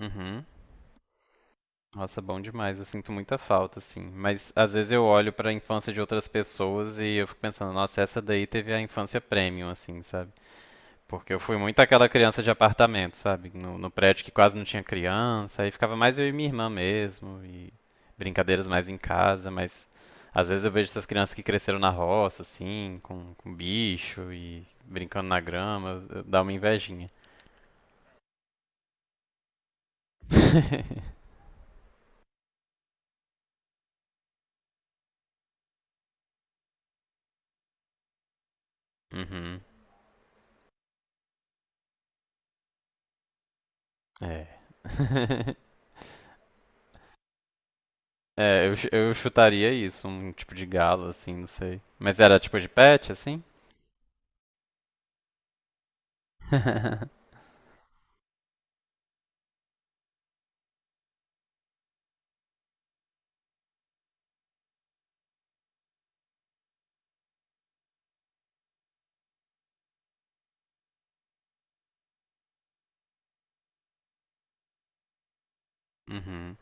Uhum. Nossa, bom demais. Eu sinto muita falta, assim. Mas às vezes eu olho pra infância de outras pessoas e eu fico pensando, nossa, essa daí teve a infância premium, assim, sabe? Porque eu fui muito aquela criança de apartamento, sabe? No prédio que quase não tinha criança, aí ficava mais eu e minha irmã mesmo, e brincadeiras mais em casa, mas às vezes eu vejo essas crianças que cresceram na roça, assim, com bicho e brincando na grama, dá uma invejinha. Uhum. É. É, eu chutaria isso, um tipo de galo, assim, não sei. Mas era tipo de pet, assim? Uhum,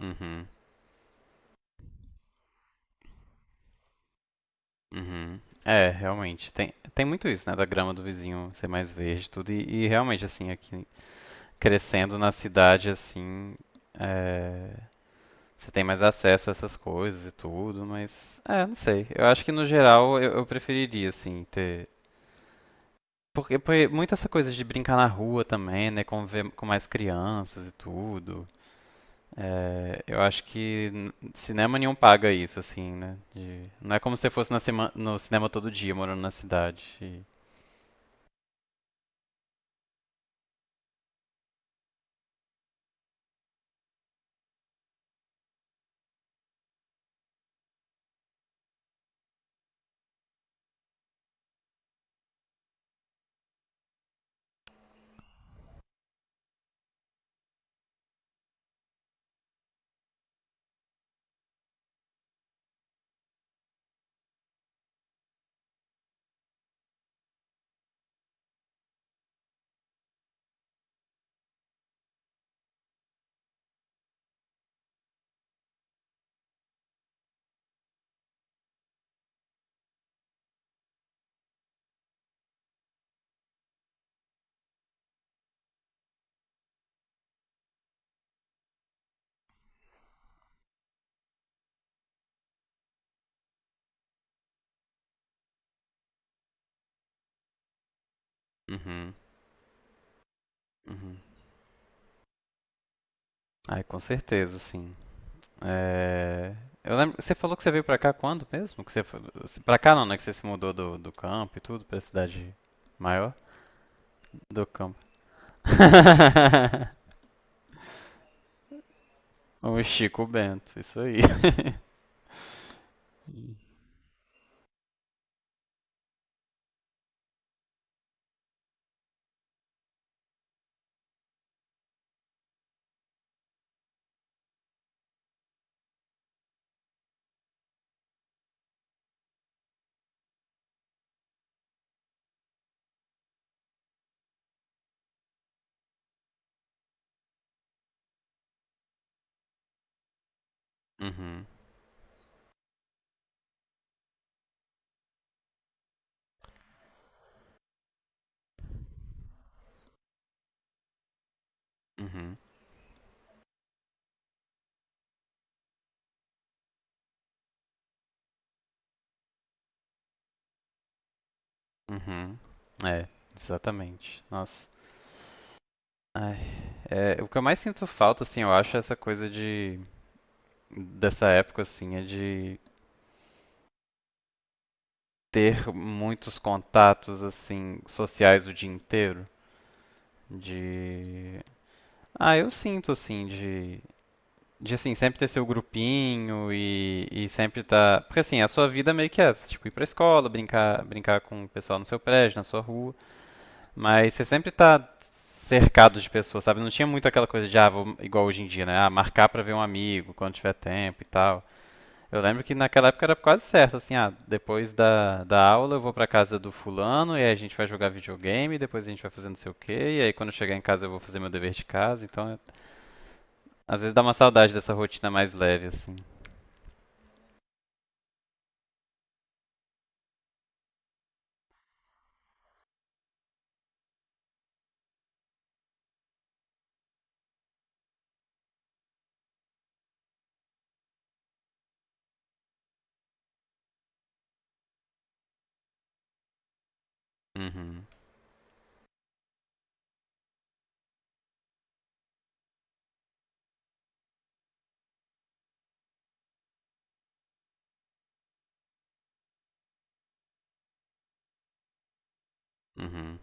uhum, uhum. É, realmente. Tem muito isso, né? Da grama do vizinho ser mais verde, tudo. E realmente, assim, aqui crescendo na cidade, assim, é, você tem mais acesso a essas coisas e tudo, mas. É, não sei. Eu acho que no geral eu preferiria, assim, ter. Porque muita essa coisa de brincar na rua também, né? Conviver com mais crianças e tudo. É, eu acho que cinema nenhum paga isso, assim, né? Não é como se você fosse no cinema todo dia, morando na cidade. Uhum, uhum. Ai, com certeza, sim. É, eu lembro, você falou que você veio pra cá quando mesmo? Que você foi. Pra cá não, né? Que você se mudou do campo e tudo, pra cidade maior? Do campo. O Chico Bento, isso aí. Uhum, uhum, uhum. É, exatamente. Nossa. Ai, é, o que eu mais sinto falta, assim, eu acho, é essa coisa de dessa época, assim, é de ter muitos contatos, assim, sociais o dia inteiro. De. Ah, eu sinto, assim, de. De, assim, sempre ter seu grupinho e sempre tá. Porque, assim, a sua vida meio que é essa, tipo, ir pra escola, brincar, brincar com o pessoal no seu prédio, na sua rua. Mas você sempre tá cercado de pessoas, sabe? Não tinha muito aquela coisa de, ah, vou, igual hoje em dia, né? Ah, marcar pra ver um amigo quando tiver tempo e tal. Eu lembro que naquela época era quase certo, assim, ah, depois da aula eu vou pra casa do fulano e aí a gente vai jogar videogame, depois a gente vai fazer não sei o quê, e aí quando eu chegar em casa eu vou fazer meu dever de casa. Então, às vezes dá uma saudade dessa rotina mais leve, assim. Uhum, uhum,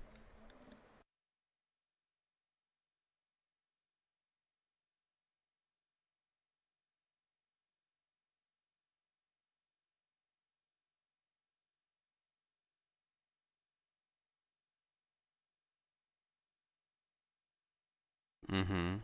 uhum,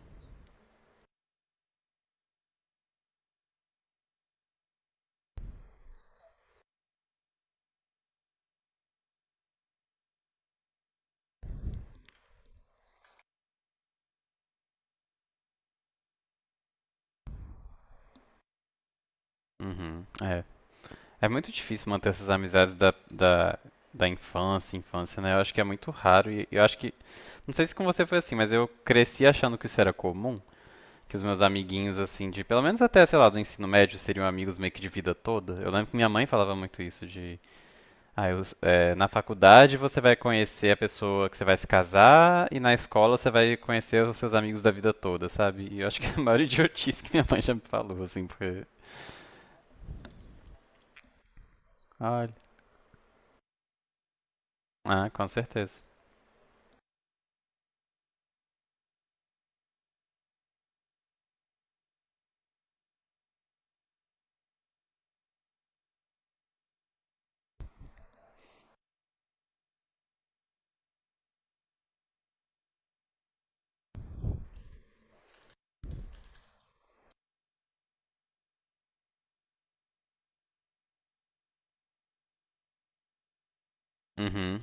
uhum. É muito difícil manter essas amizades da infância, né? Eu acho que é muito raro e eu acho que. Não sei se com você foi assim, mas eu cresci achando que isso era comum. Que os meus amiguinhos, assim, de pelo menos até, sei lá, do ensino médio, seriam amigos meio que de vida toda. Eu lembro que minha mãe falava muito isso de. Ah, na faculdade você vai conhecer a pessoa que você vai se casar e na escola você vai conhecer os seus amigos da vida toda, sabe? E eu acho que é a maior idiotice que minha mãe já me falou, assim, porque. Olha. Ah, com certeza. Uhum.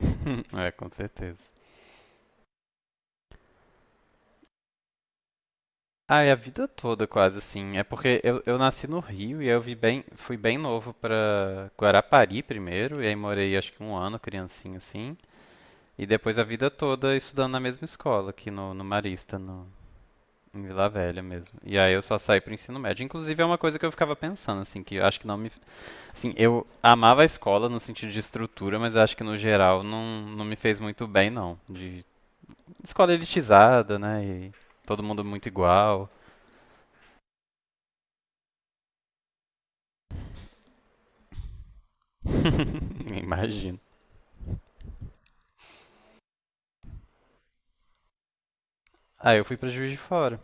É, com certeza. Ah, e a vida toda quase assim. É porque eu nasci no Rio e eu vi bem, fui bem novo pra Guarapari primeiro, e aí morei acho que um ano, criancinha assim, e depois a vida toda estudando na mesma escola, aqui no Marista, no, em Vila Velha mesmo. E aí eu só saí pro ensino médio. Inclusive é uma coisa que eu ficava pensando, assim, que eu acho que não me. Assim, eu amava a escola no sentido de estrutura, mas eu acho que no geral não me fez muito bem, não. De escola elitizada, né? E todo mundo muito igual. Imagino. Aí eu fui pra Juiz de Fora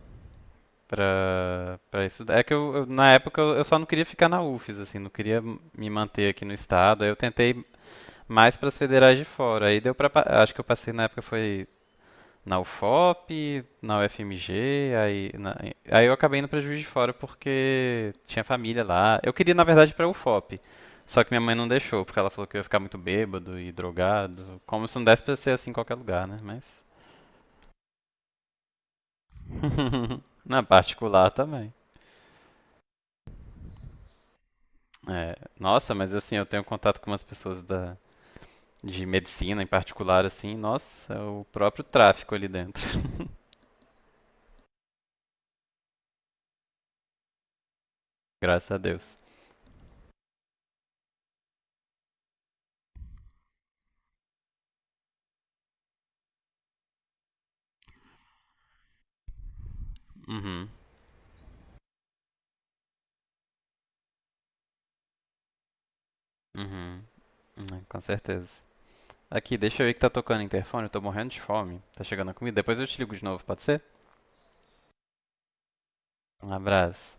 pra estudar. É que na época eu só não queria ficar na UFES, assim, não queria me manter aqui no estado. Aí eu tentei mais pras federais de fora. Aí deu pra. Acho que eu passei na época foi na UFOP, na UFMG, aí, aí eu acabei indo pra Juiz de Fora porque tinha família lá. Eu queria, na verdade, ir pra UFOP. Só que minha mãe não deixou, porque ela falou que eu ia ficar muito bêbado e drogado. Como se não desse pra ser assim em qualquer lugar, né? Mas na particular também. É, nossa, mas assim, eu tenho contato com umas pessoas de medicina em particular, assim, nossa, é o próprio tráfico ali dentro. Graças a Deus. Uhum, uhum. É, com certeza. Aqui, deixa eu ver que tá tocando o interfone, eu tô morrendo de fome. Tá chegando a comida. Depois eu te ligo de novo, pode ser? Um abraço.